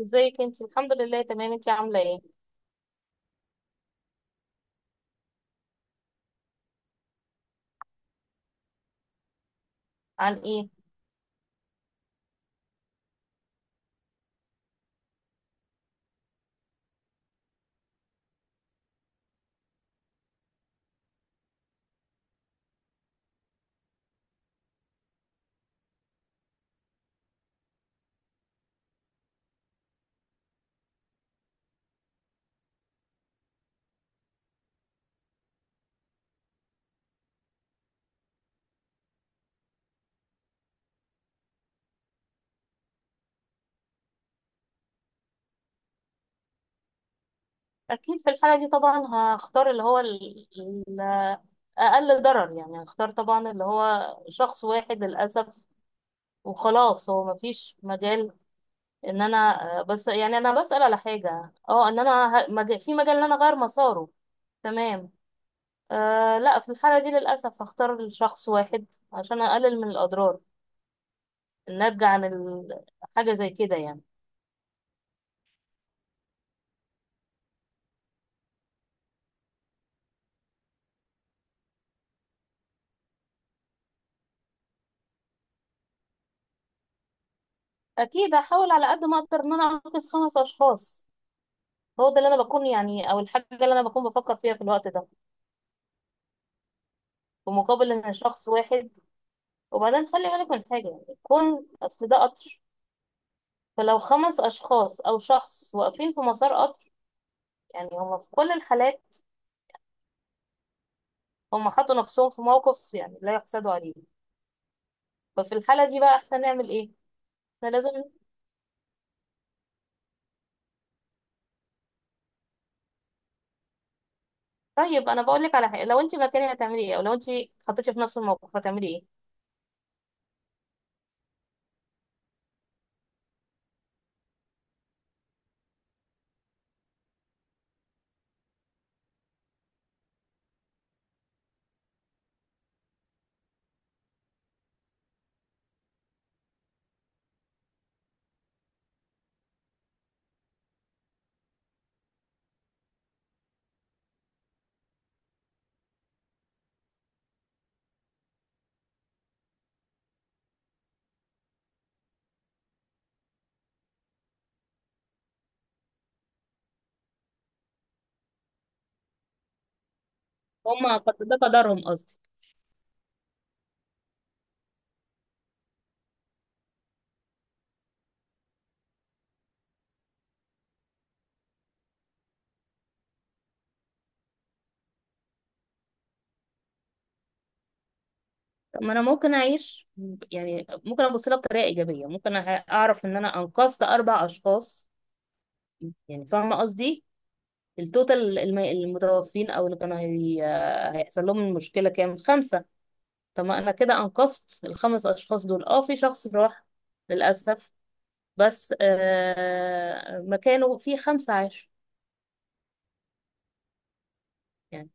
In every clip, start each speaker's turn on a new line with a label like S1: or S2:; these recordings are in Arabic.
S1: ازيك؟ انت الحمد لله تمام. انت عامله ايه؟ عن ايه؟ اكيد في الحاله دي طبعا هختار اللي هو اقل ضرر، يعني هختار طبعا اللي هو شخص واحد للاسف. وخلاص هو مفيش مجال ان انا. بس يعني انا بسال على حاجه، ان انا في مجال ان انا اغير مساره. تمام. لا، في الحاله دي للاسف هختار شخص واحد عشان اقلل من الاضرار الناتجه عن حاجه زي كده يعني. اكيد هحاول على قد ما اقدر ان انا انقذ 5 اشخاص. هو ده اللي انا بكون، يعني، او الحاجه اللي انا بكون بفكر فيها في الوقت ده، في مقابل ان شخص واحد. وبعدين خلي بالك من حاجه، يعني كون اصل ده قطر، فلو 5 اشخاص او شخص واقفين في مسار قطر، يعني هم في كل الحالات هم حطوا نفسهم في موقف يعني لا يحسدوا عليه. ففي الحاله دي بقى احنا نعمل ايه؟ احنا لازم. طيب انا بقول لك على حاجه، لو انت مكاني هتعملي ايه؟ او لو انت حطيتي في نفس الموقف هتعملي ايه؟ ده قدرهم، قصدي. طب ما انا ممكن يعني ممكن ابص لها بطريقه ايجابيه، ممكن اعرف ان انا انقذت 4 اشخاص. يعني فاهمه قصدي؟ التوتال المتوفين او اللي كانوا هيحصل لهم المشكله كام؟ 5. طب ما انا كده انقذت الخمس اشخاص دول. اه في شخص راح للاسف، بس مكانه في 5 عاشوا. يعني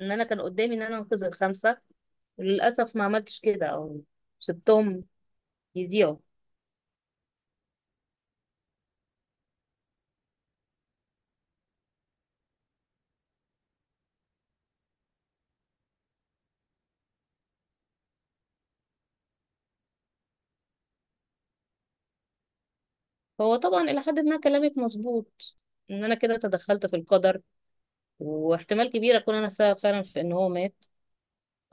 S1: ان انا كان قدامي ان انا انقذ الخمسه، وللاسف ما عملتش كده، او سبتهم يضيعوا. هو طبعا إلى حد ما كلامك مظبوط، إن أنا كده تدخلت في القدر، واحتمال كبير أكون أنا سبب فعلا في إن هو مات.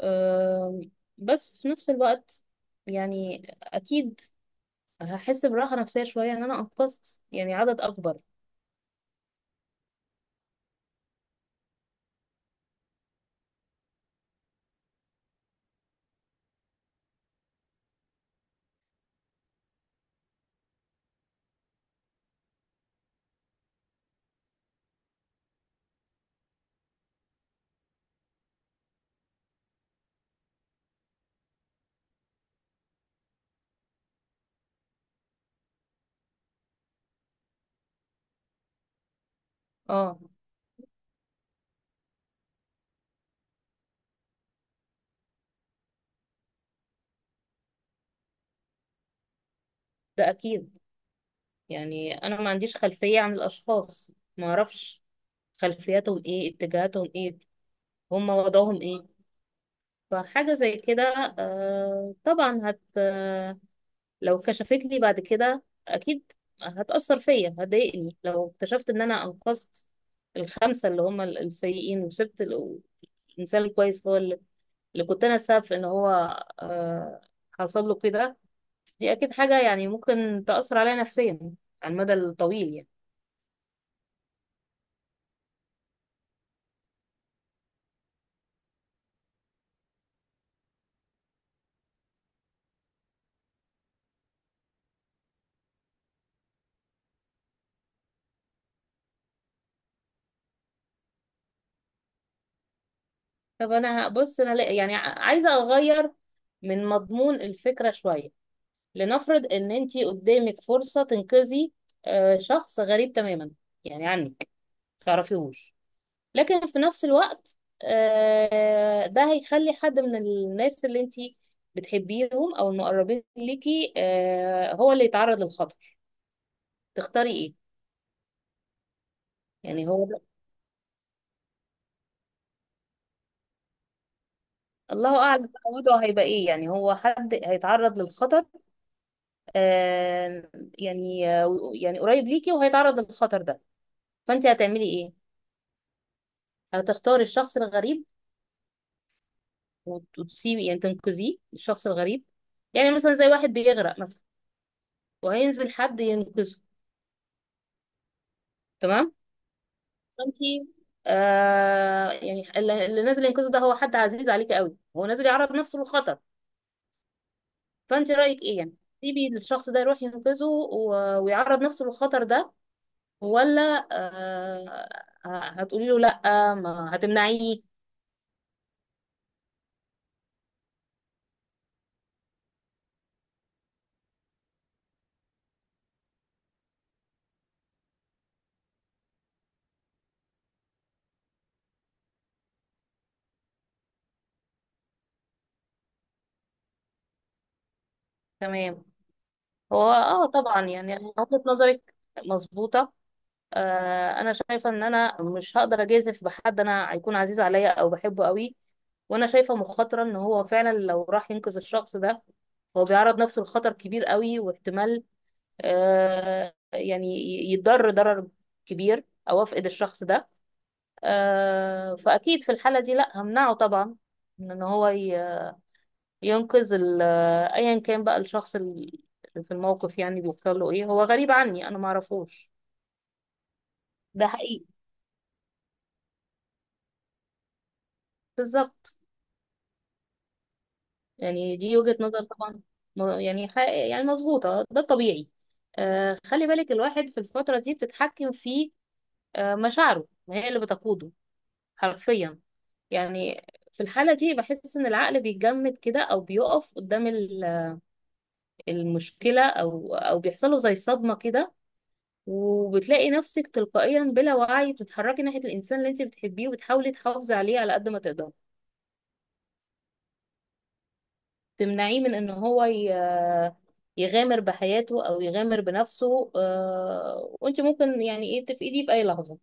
S1: أم، بس في نفس الوقت يعني أكيد هحس براحة نفسية شوية إن أنا أنقذت يعني عدد أكبر. اه، ده أكيد. يعني أنا ما عنديش خلفية عن الأشخاص، ما أعرفش خلفياتهم إيه، اتجاهاتهم إيه، هم وضعهم إيه. فحاجة زي كده، طبعا لو كشفت لي بعد كده اكيد هتأثر فيا، هتضايقني لو اكتشفت ان انا انقذت الخمسة اللي هم السيئين وسبت الانسان الكويس، هو اللي كنت انا السبب في ان هو آه، حصل له كده. دي اكيد حاجة يعني ممكن تأثر عليا نفسيا على المدى الطويل يعني. طب انا بص، انا يعني عايزة اغير من مضمون الفكرة شوية. لنفرض ان انتي قدامك فرصة تنقذي شخص غريب تماما يعني عنك، تعرفيهوش، لكن في نفس الوقت ده هيخلي حد من الناس اللي انتي بتحبيهم او المقربين ليكي، هو اللي يتعرض للخطر. تختاري ايه؟ يعني هو الله اعلم بقى وضعه هيبقى ايه، يعني هو حد هيتعرض للخطر، آه، يعني يعني قريب ليكي وهيتعرض للخطر ده. فانتي هتعملي ايه؟ هتختاري الشخص الغريب وتسيبي يعني تنقذيه الشخص الغريب. يعني مثلا زي واحد بيغرق مثلا، وهينزل حد ينقذه، تمام؟ انتي، يعني، اللي نازل ينقذه ده هو حد عزيز عليك قوي، هو نازل يعرض نفسه للخطر. فانت رايك ايه يعني؟ تسيبي الشخص ده يروح ينقذه ويعرض نفسه للخطر ده، ولا هتقولي له لا، ما هتمنعيه؟ تمام. هو، طبعا يعني وجهة نظرك مظبوطة. انا شايفه ان انا مش هقدر اجازف بحد انا هيكون عزيز عليا او بحبه قوي. وانا شايفه مخاطره ان هو فعلا لو راح ينقذ الشخص ده، هو بيعرض نفسه لخطر كبير قوي، واحتمال يعني يتضر ضرر كبير، او افقد الشخص ده. فاكيد في الحاله دي لا همنعه طبعا من ان هو ينقذ ايا كان بقى الشخص اللي في الموقف يعني بيحصل له ايه. هو غريب عني انا ما اعرفوش. ده حقيقي، بالظبط. يعني دي وجهة نظر طبعا، يعني حق، يعني مظبوطة، ده الطبيعي. خلي بالك الواحد في الفترة دي بتتحكم في مشاعره، ما هي اللي بتقوده حرفيا يعني. في الحالة دي بحس إن العقل بيتجمد كده أو بيقف قدام المشكلة، أو بيحصله زي صدمة كده. وبتلاقي نفسك تلقائيا بلا وعي بتتحركي ناحية الإنسان اللي أنت بتحبيه، وبتحاولي تحافظي عليه على قد ما تقدري، تمنعيه من ان هو يغامر بحياته او يغامر بنفسه، وانت ممكن يعني ايه، تفقديه في اي لحظة.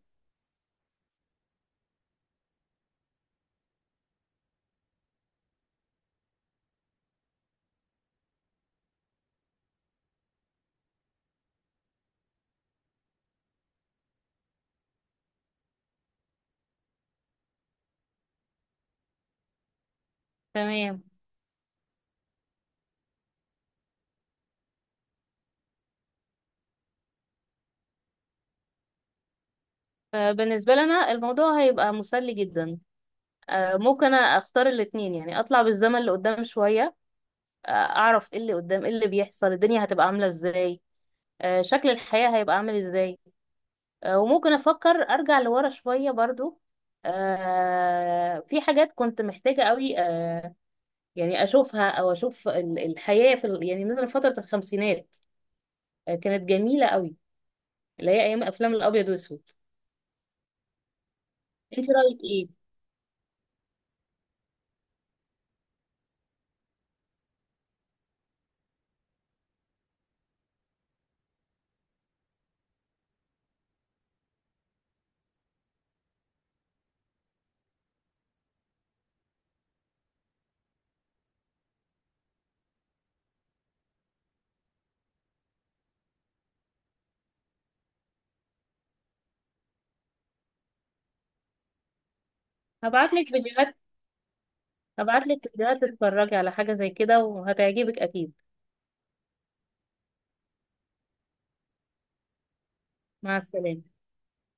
S1: تمام. بالنسبة لنا الموضوع هيبقى مسلي جدا. ممكن اختار الاتنين، يعني اطلع بالزمن لقدام شوية، اعرف ايه اللي قدام، ايه اللي بيحصل، الدنيا هتبقى عاملة ازاي، شكل الحياة هيبقى عامل ازاي. وممكن افكر ارجع لورا شوية برضو، في حاجات كنت محتاجة قوي. يعني اشوفها، او اشوف الحياه في يعني مثلا فتره الخمسينات، كانت جميله قوي، اللي هي ايام افلام الابيض واسود. انت رايك ايه؟ هبعت لك فيديوهات هبعت لك فيديوهات تتفرجي على حاجه زي كده، وهتعجبك اكيد. مع السلامه.